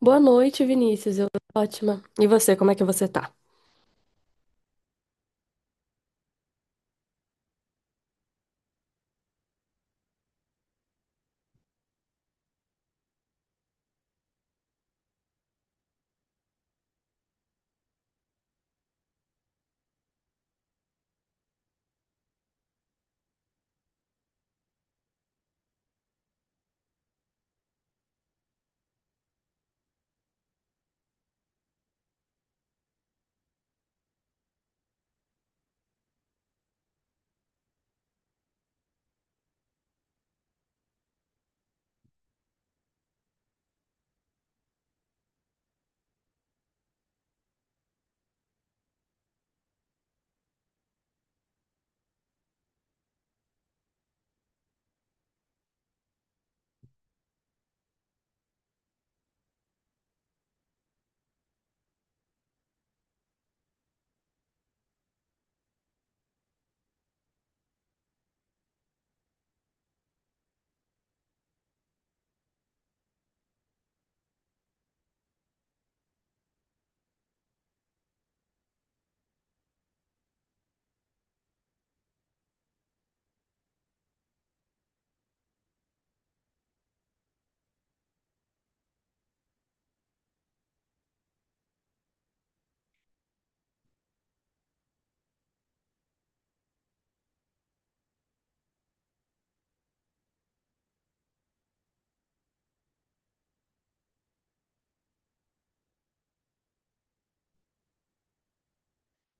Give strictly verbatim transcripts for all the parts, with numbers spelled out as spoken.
Boa noite, Vinícius. Eu tô ótima. E você, como é que você tá?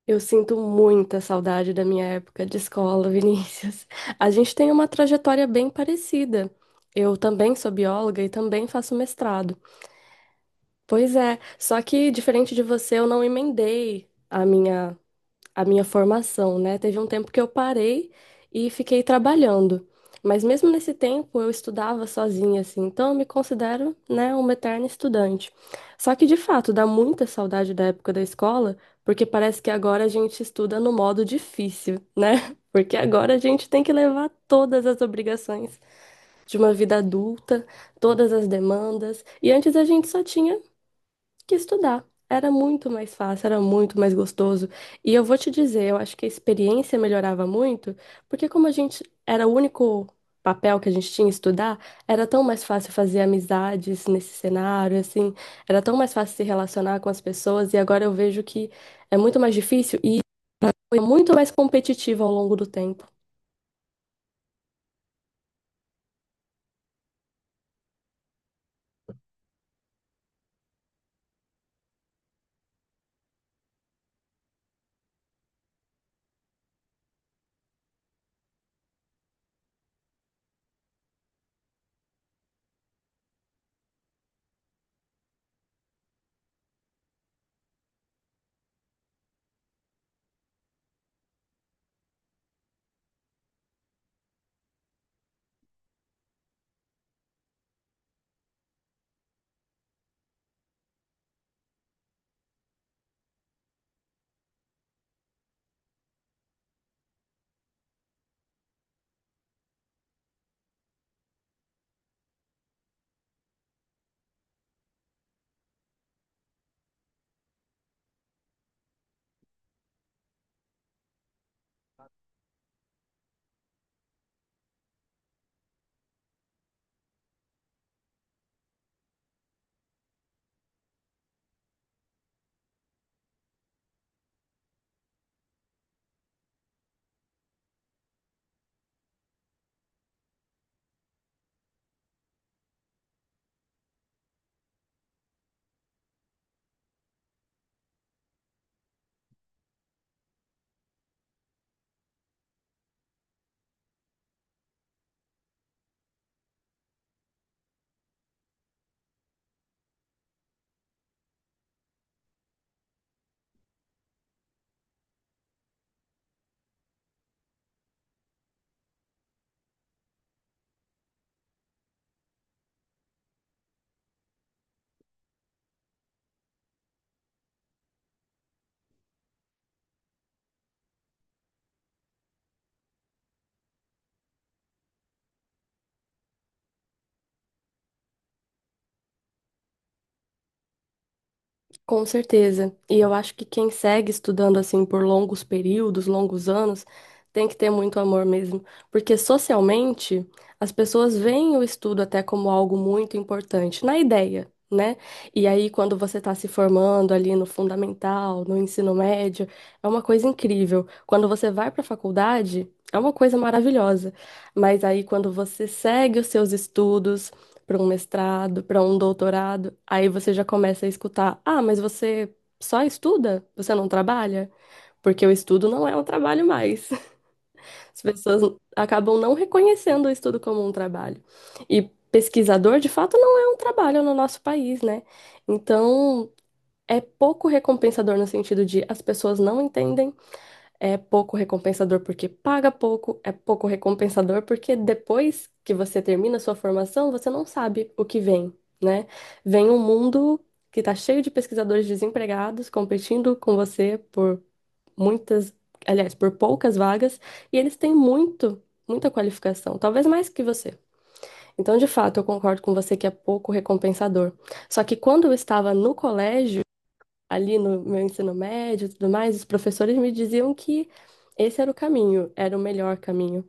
Eu sinto muita saudade da minha época de escola, Vinícius. A gente tem uma trajetória bem parecida. Eu também sou bióloga e também faço mestrado. Pois é, só que diferente de você, eu não emendei a minha a minha formação, né? Teve um tempo que eu parei e fiquei trabalhando. Mas mesmo nesse tempo eu estudava sozinha, assim, então eu me considero, né, uma eterna estudante. Só que de fato dá muita saudade da época da escola, porque parece que agora a gente estuda no modo difícil, né? Porque agora a gente tem que levar todas as obrigações de uma vida adulta, todas as demandas, e antes a gente só tinha que estudar. Era muito mais fácil, era muito mais gostoso. E eu vou te dizer, eu acho que a experiência melhorava muito, porque como a gente era o único papel que a gente tinha estudar, era tão mais fácil fazer amizades nesse cenário, assim, era tão mais fácil se relacionar com as pessoas, e agora eu vejo que é muito mais difícil e foi muito mais competitivo ao longo do tempo. Com certeza. E eu acho que quem segue estudando assim por longos períodos, longos anos, tem que ter muito amor mesmo, porque socialmente as pessoas veem o estudo até como algo muito importante, na ideia, né? E aí quando você está se formando ali no fundamental, no ensino médio, é uma coisa incrível. Quando você vai para a faculdade, é uma coisa maravilhosa. Mas aí quando você segue os seus estudos para um mestrado, para um doutorado. Aí você já começa a escutar: ah, mas você só estuda? Você não trabalha? Porque o estudo não é um trabalho mais. As pessoas acabam não reconhecendo o estudo como um trabalho. E pesquisador, de fato, não é um trabalho no nosso país, né? Então, é pouco recompensador no sentido de as pessoas não entendem. É pouco recompensador porque paga pouco, é pouco recompensador porque depois que você termina a sua formação, você não sabe o que vem, né? Vem um mundo que está cheio de pesquisadores desempregados competindo com você por muitas, aliás, por poucas vagas, e eles têm muito, muita qualificação, talvez mais que você. Então, de fato, eu concordo com você que é pouco recompensador. Só que quando eu estava no colégio, ali no meu ensino médio e tudo mais, os professores me diziam que esse era o caminho, era o melhor caminho.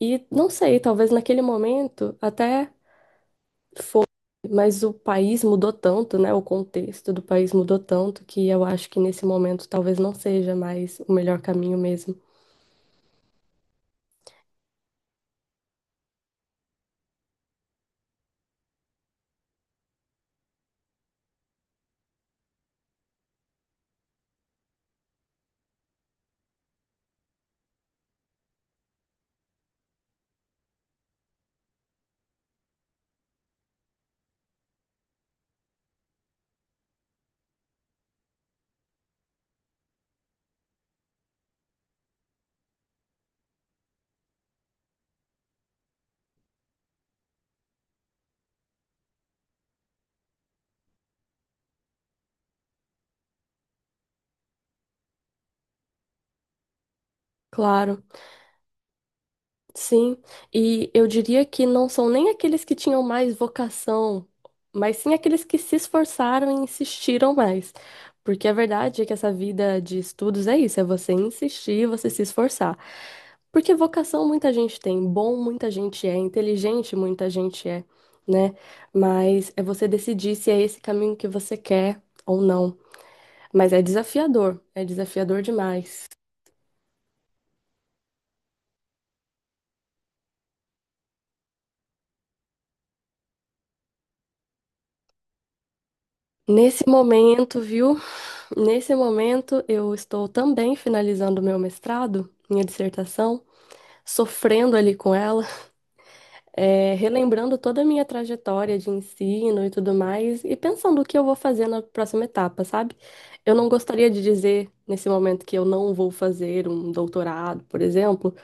E não sei, talvez naquele momento até foi, mas o país mudou tanto, né? O contexto do país mudou tanto que eu acho que nesse momento talvez não seja mais o melhor caminho mesmo. Claro. Sim, e eu diria que não são nem aqueles que tinham mais vocação, mas sim aqueles que se esforçaram e insistiram mais. Porque a verdade é que essa vida de estudos é isso, é você insistir, você se esforçar. Porque vocação muita gente tem, bom muita gente é, inteligente muita gente é, né? Mas é você decidir se é esse caminho que você quer ou não. Mas é desafiador, é desafiador demais. Nesse momento, viu? Nesse momento, eu estou também finalizando meu mestrado, minha dissertação, sofrendo ali com ela, é, relembrando toda a minha trajetória de ensino e tudo mais, e pensando o que eu vou fazer na próxima etapa, sabe? Eu não gostaria de dizer nesse momento que eu não vou fazer um doutorado, por exemplo,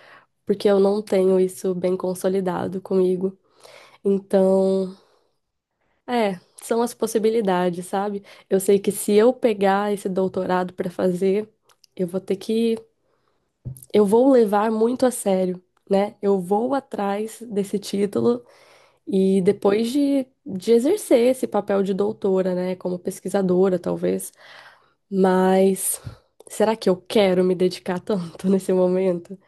porque eu não tenho isso bem consolidado comigo. Então, é, são as possibilidades, sabe? Eu sei que se eu pegar esse doutorado para fazer, eu vou ter que eu vou levar muito a sério, né? Eu vou atrás desse título e depois de, de exercer esse papel de doutora, né? Como pesquisadora, talvez. Mas será que eu quero me dedicar tanto nesse momento?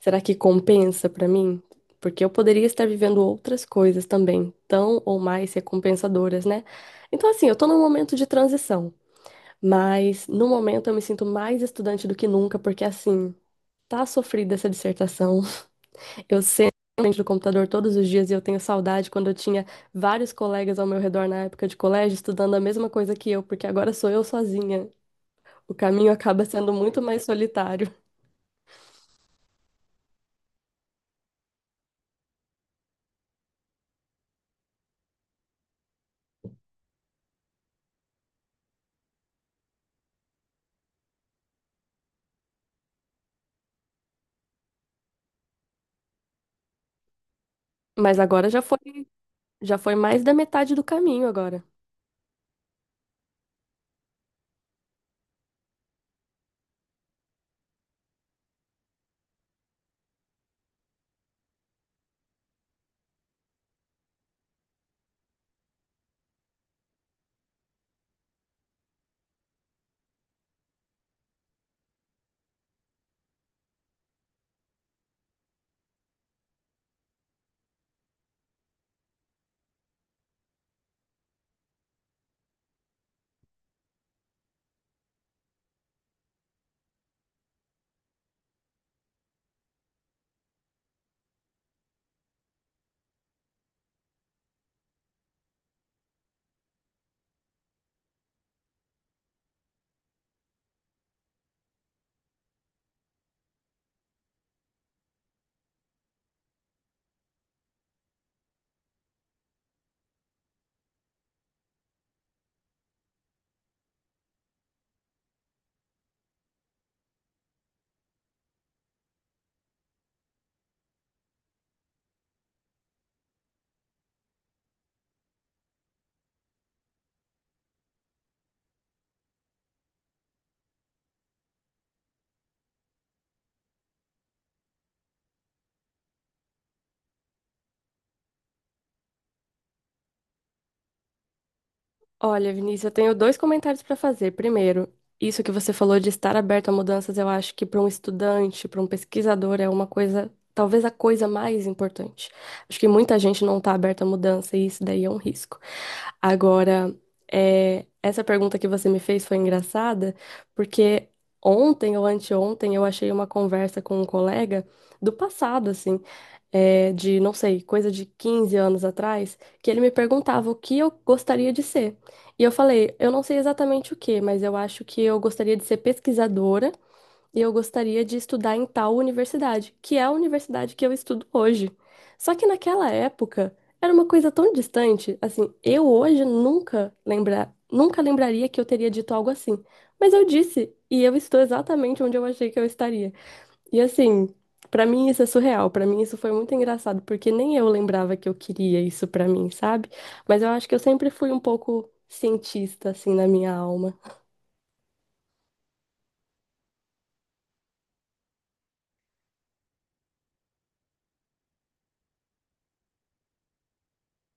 Será que compensa para mim? Porque eu poderia estar vivendo outras coisas também, tão ou mais recompensadoras, né? Então, assim, eu tô num momento de transição, mas no momento eu me sinto mais estudante do que nunca, porque assim, tá sofrida essa dissertação. Eu sento na frente do computador todos os dias e eu tenho saudade quando eu tinha vários colegas ao meu redor na época de colégio estudando a mesma coisa que eu, porque agora sou eu sozinha. O caminho acaba sendo muito mais solitário. Mas agora já foi, já foi mais da metade do caminho agora. Olha, Vinícius, eu tenho dois comentários para fazer. Primeiro, isso que você falou de estar aberto a mudanças, eu acho que para um estudante, para um pesquisador, é uma coisa, talvez a coisa mais importante. Acho que muita gente não está aberta a mudança e isso daí é um risco. Agora, é, essa pergunta que você me fez foi engraçada, porque ontem ou anteontem eu achei uma conversa com um colega do passado, assim, é, de, não sei, coisa de quinze anos atrás, que ele me perguntava o que eu gostaria de ser. E eu falei, eu não sei exatamente o que, mas eu acho que eu gostaria de ser pesquisadora e eu gostaria de estudar em tal universidade, que é a universidade que eu estudo hoje. Só que naquela época era uma coisa tão distante, assim, eu hoje nunca lembra, nunca lembraria que eu teria dito algo assim. Mas eu disse, e eu estou exatamente onde eu achei que eu estaria. E assim, pra mim isso é surreal, pra mim isso foi muito engraçado, porque nem eu lembrava que eu queria isso pra mim, sabe? Mas eu acho que eu sempre fui um pouco cientista assim na minha alma.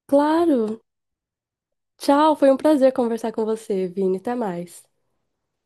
Claro. Tchau, foi um prazer conversar com você, Vini. Até mais.